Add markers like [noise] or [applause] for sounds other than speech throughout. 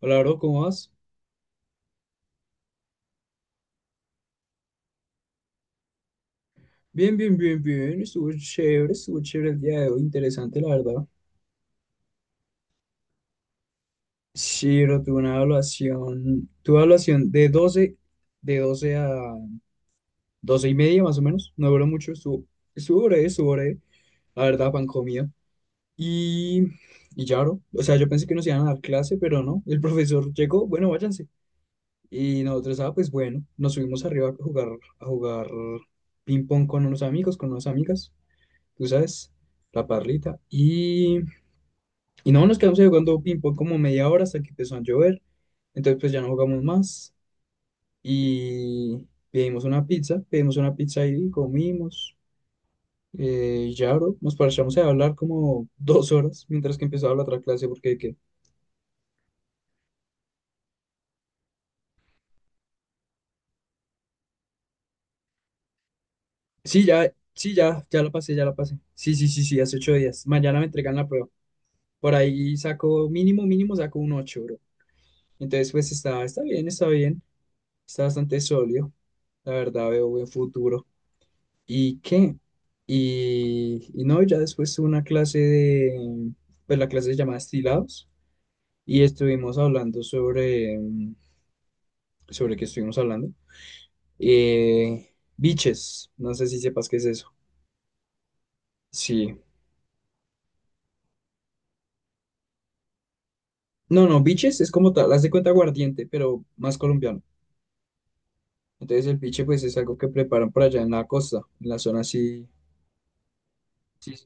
Hola, bro, ¿cómo vas? Bien, bien, bien, bien. Estuvo chévere el día de hoy. Interesante, la verdad. Sí, bro, tuve una evaluación de doce a 12:30, más o menos. No duró mucho, estuvo breve, estuvo breve. La verdad, pan comido. Y, y ya, bro. O sea, yo pensé que nos iban a dar clase, pero no. El profesor llegó, bueno, váyanse. Y nosotros, ah, pues bueno, nos subimos arriba a jugar ping pong con unos amigos, con unas amigas. Tú sabes, la parrita. Y no, nos quedamos ahí jugando ping-pong como media hora hasta que empezó a llover. Entonces, pues ya no jugamos más. Y pedimos una pizza ahí, comimos. Ya, bro, nos paramos a hablar como 2 horas mientras que empezaba la otra clase, porque... Sí, ya, sí, ya, ya la pasé, ya la pasé. Sí, sí, sí, sí, hace 8 días. Mañana me entregan la prueba. Por ahí saco, mínimo, mínimo saco un 8, bro. Entonces, pues está bien, está bien. Está bastante sólido. La verdad, veo buen futuro. ¿Y qué? Y no, ya después tuve una clase pues la clase se llama Estilados y estuvimos hablando sobre qué estuvimos hablando. Biches, no sé si sepas qué es eso. Sí. No, no, biches es como tal, haz de cuenta aguardiente, pero más colombiano. Entonces el biche pues es algo que preparan por allá en la costa, en la zona así. Sí.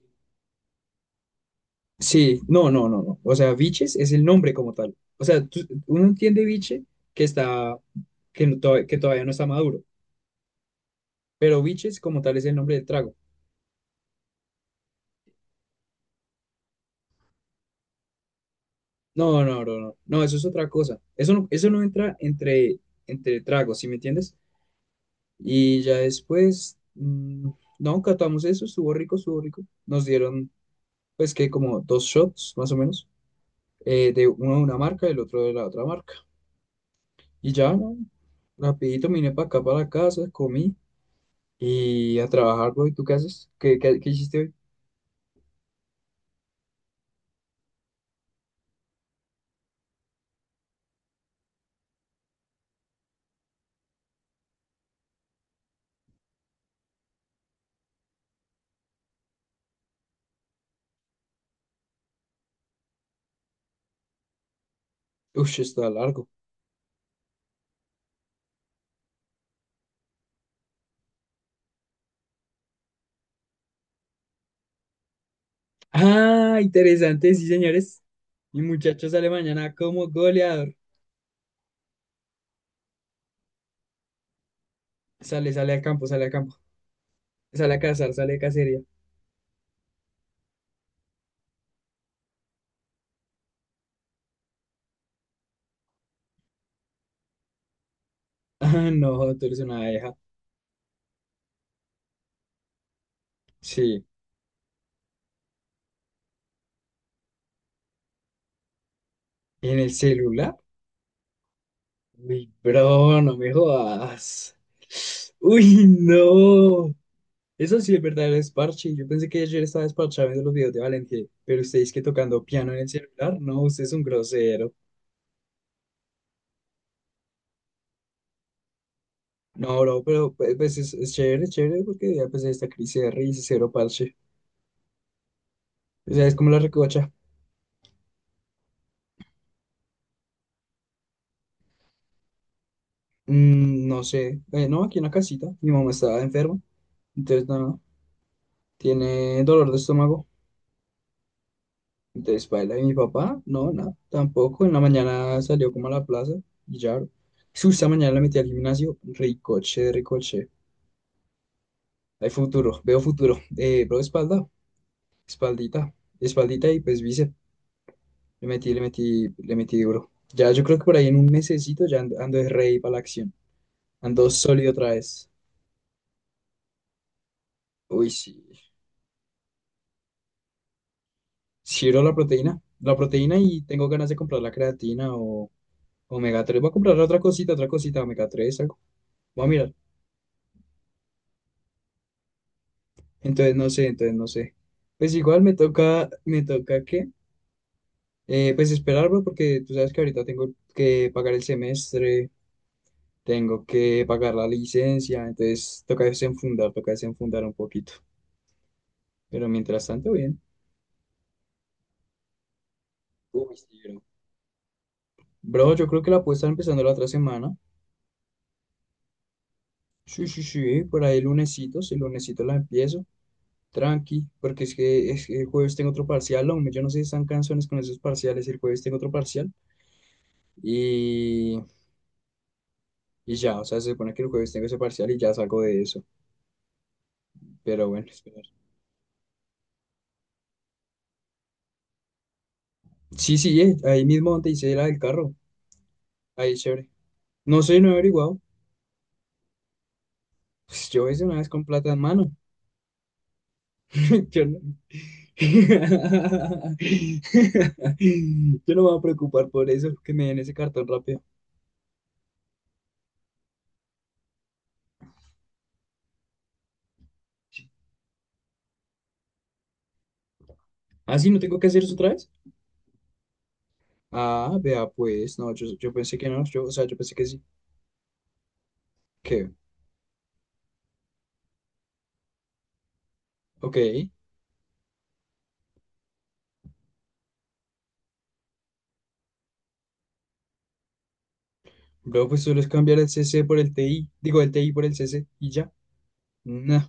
Sí, no, no, no, no. O sea, biches es el nombre como tal. O sea, uno entiende biche que está, que, no- to- que todavía no está maduro, pero biches como tal es el nombre del trago. No, no, no, no, no, eso es otra cosa. Eso no entra entre tragos, ¿sí me entiendes? Y ya después, no, catamos eso, estuvo rico, estuvo rico. Nos dieron, pues, que como dos shots, más o menos, de uno de una marca y el otro de la otra marca. Y ya, no, rapidito me vine para acá, para la casa, comí. Y a trabajar, güey, ¿tú qué haces? ¿Qué hiciste hoy? Ush, está largo. Ah, interesante, sí, señores. Mi muchacho sale mañana como goleador. Sale al campo, sale al campo. Sale a cazar, sale a cacería. [laughs] Ah, no, tú eres una abeja. Sí. ¿En el celular? Uy, bro, no me jodas. Uy, no. Eso sí es verdadero desparche. Yo pensé que ayer estaba desparchado viendo los videos de Valentín, pero ustedes que tocando piano en el celular, no, usted es un grosero. No, bro, pero pues, es chévere, es chévere, porque ya pues esta crisis de raíz, cero parche. O sea, es como la recocha. No sé. No, aquí en la casita. Mi mamá estaba enferma. Entonces, nada. Tiene dolor de estómago. Entonces, baila. Y mi papá, no, nada. Tampoco. En la mañana salió como a la plaza. Y ya, bro. Esta mañana la metí al gimnasio. Ricoche, ricoche. Hay futuro. Veo futuro. Bro, espalda. Espaldita. Espaldita y pues bíceps. Le metí, le metí, le metí duro. Ya, yo creo que por ahí en un mesecito ya ando de rey para la acción. Ando sólido otra vez. Uy, sí. Quiero la proteína. La proteína y tengo ganas de comprar la creatina o omega 3. Voy a comprar otra cosita, omega 3 algo. Voy a mirar. Entonces no sé, entonces no sé. Pues igual me toca que, pues esperar, bro, porque tú sabes que ahorita tengo que pagar el semestre, tengo que pagar la licencia, entonces toca desenfundar un poquito. Pero mientras tanto, bien. Uy, sí, bro. Bro, yo creo que la puedo estar empezando la otra semana. Sí, sí, sí, por ahí el lunesito, si el lunesito la empiezo. Tranqui, porque es que el jueves tengo otro parcial, hombre. Yo no sé si están canciones con esos parciales. El jueves tengo otro parcial. Y, y ya, o sea, se supone que el jueves tengo ese parcial y ya salgo de eso. Pero bueno, esperar. Sí, sí, ahí mismo donde hice la del carro. Ahí, chévere. No sé, no he averiguado. Pues yo hice una vez con plata en mano. [laughs] Yo no- [laughs] Yo no me voy a preocupar por eso, que me den ese cartón rápido. Ah, sí, no tengo que hacer eso otra vez. Ah, vea, pues, no, yo pensé que no, o sea, yo pensé que sí, que, ok, bro, pues solo es cambiar el CC por el TI, digo, el TI por el CC y ya. Nah,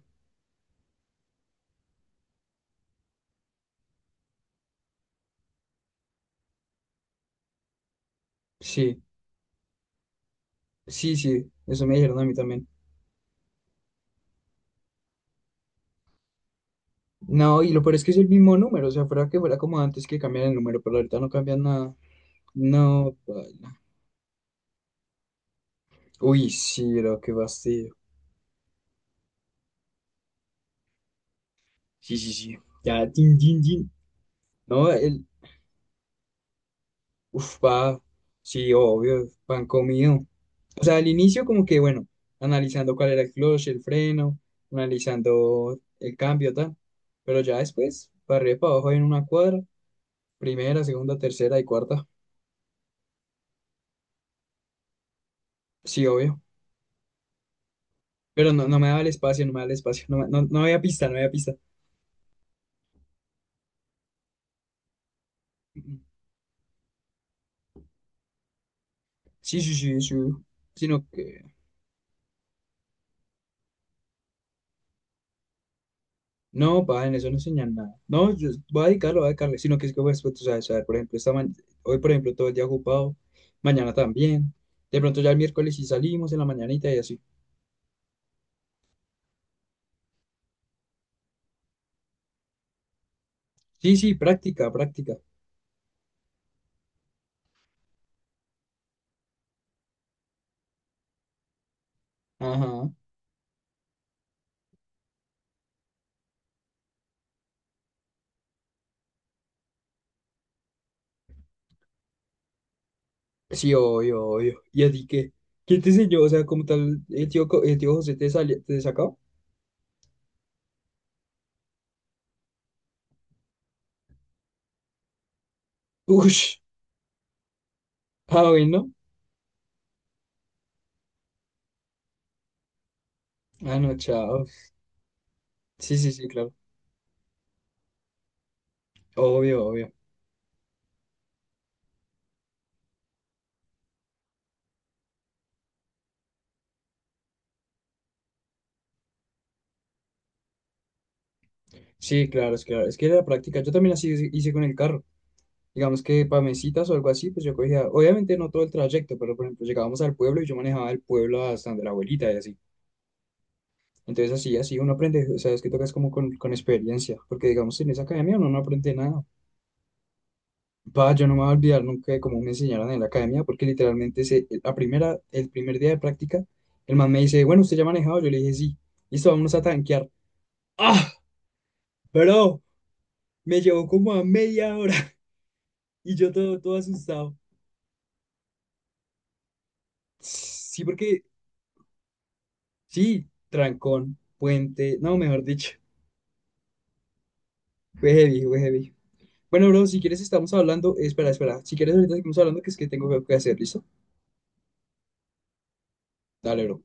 sí, sí, sí, eso me dijeron a mí también. No, y lo peor es que es el mismo número, o sea, fuera que fuera como antes que cambian el número, pero ahorita no cambian nada. No, paila. Uy, sí, bro, qué fastidio. Sí, sí, sí. Ya, tin, tin, tin. No, uf, va, sí, obvio, pan comido. O sea, al inicio como que, bueno, analizando cuál era el clutch, el freno, analizando el cambio, tal. Pero ya después, para arriba y para abajo en una cuadra, primera, segunda, tercera y cuarta. Sí, obvio. Pero no, no me daba el espacio, no me daba el espacio, no, no, no había pista, no había pista. Mm, mm. Sí, sí, sí, sí. Sino que... No, pa, en eso no enseñan nada. No, yo voy a dedicarlo, voy a dedicarle, sino que es que, pues, tú sabes, a ver, por ejemplo, hoy, por ejemplo, todo el día ocupado, mañana también, de pronto ya el miércoles sí salimos en la mañanita y así. Sí, sí, práctica, práctica. Ajá. Sí, obvio, obvio. ¿Y a ti qué? ¿Quién te enseñó? O sea, como tal, el tío José te, salió, te sacó. Ush. Ah, bueno. Ah, no, chao. Sí, sí, sí, claro. Obvio, obvio. Sí, claro. Es que era la práctica. Yo también así hice con el carro. Digamos que para mis o algo así, pues yo cogía, obviamente no todo el trayecto, pero por ejemplo llegábamos al pueblo y yo manejaba el pueblo hasta donde la abuelita y así. Entonces así, así uno aprende, o sea, es que tocas como con experiencia, porque digamos en esa academia uno no aprende nada. Va, yo no me voy a olvidar nunca de cómo me enseñaron en la academia, porque literalmente el primer día de práctica, el man me dice, bueno, ¿usted ya ha manejado? Yo le dije, sí, listo, vámonos a tanquear. ¡Ah! Bro, me llevó como a media hora [laughs] y yo todo, todo asustado. Sí, porque... Sí, trancón, puente, no, mejor dicho, fue heavy, fue heavy. Bueno, bro, si quieres estamos hablando, espera, espera, si quieres ahorita estamos hablando que es que tengo que hacer, ¿listo? Dale, bro.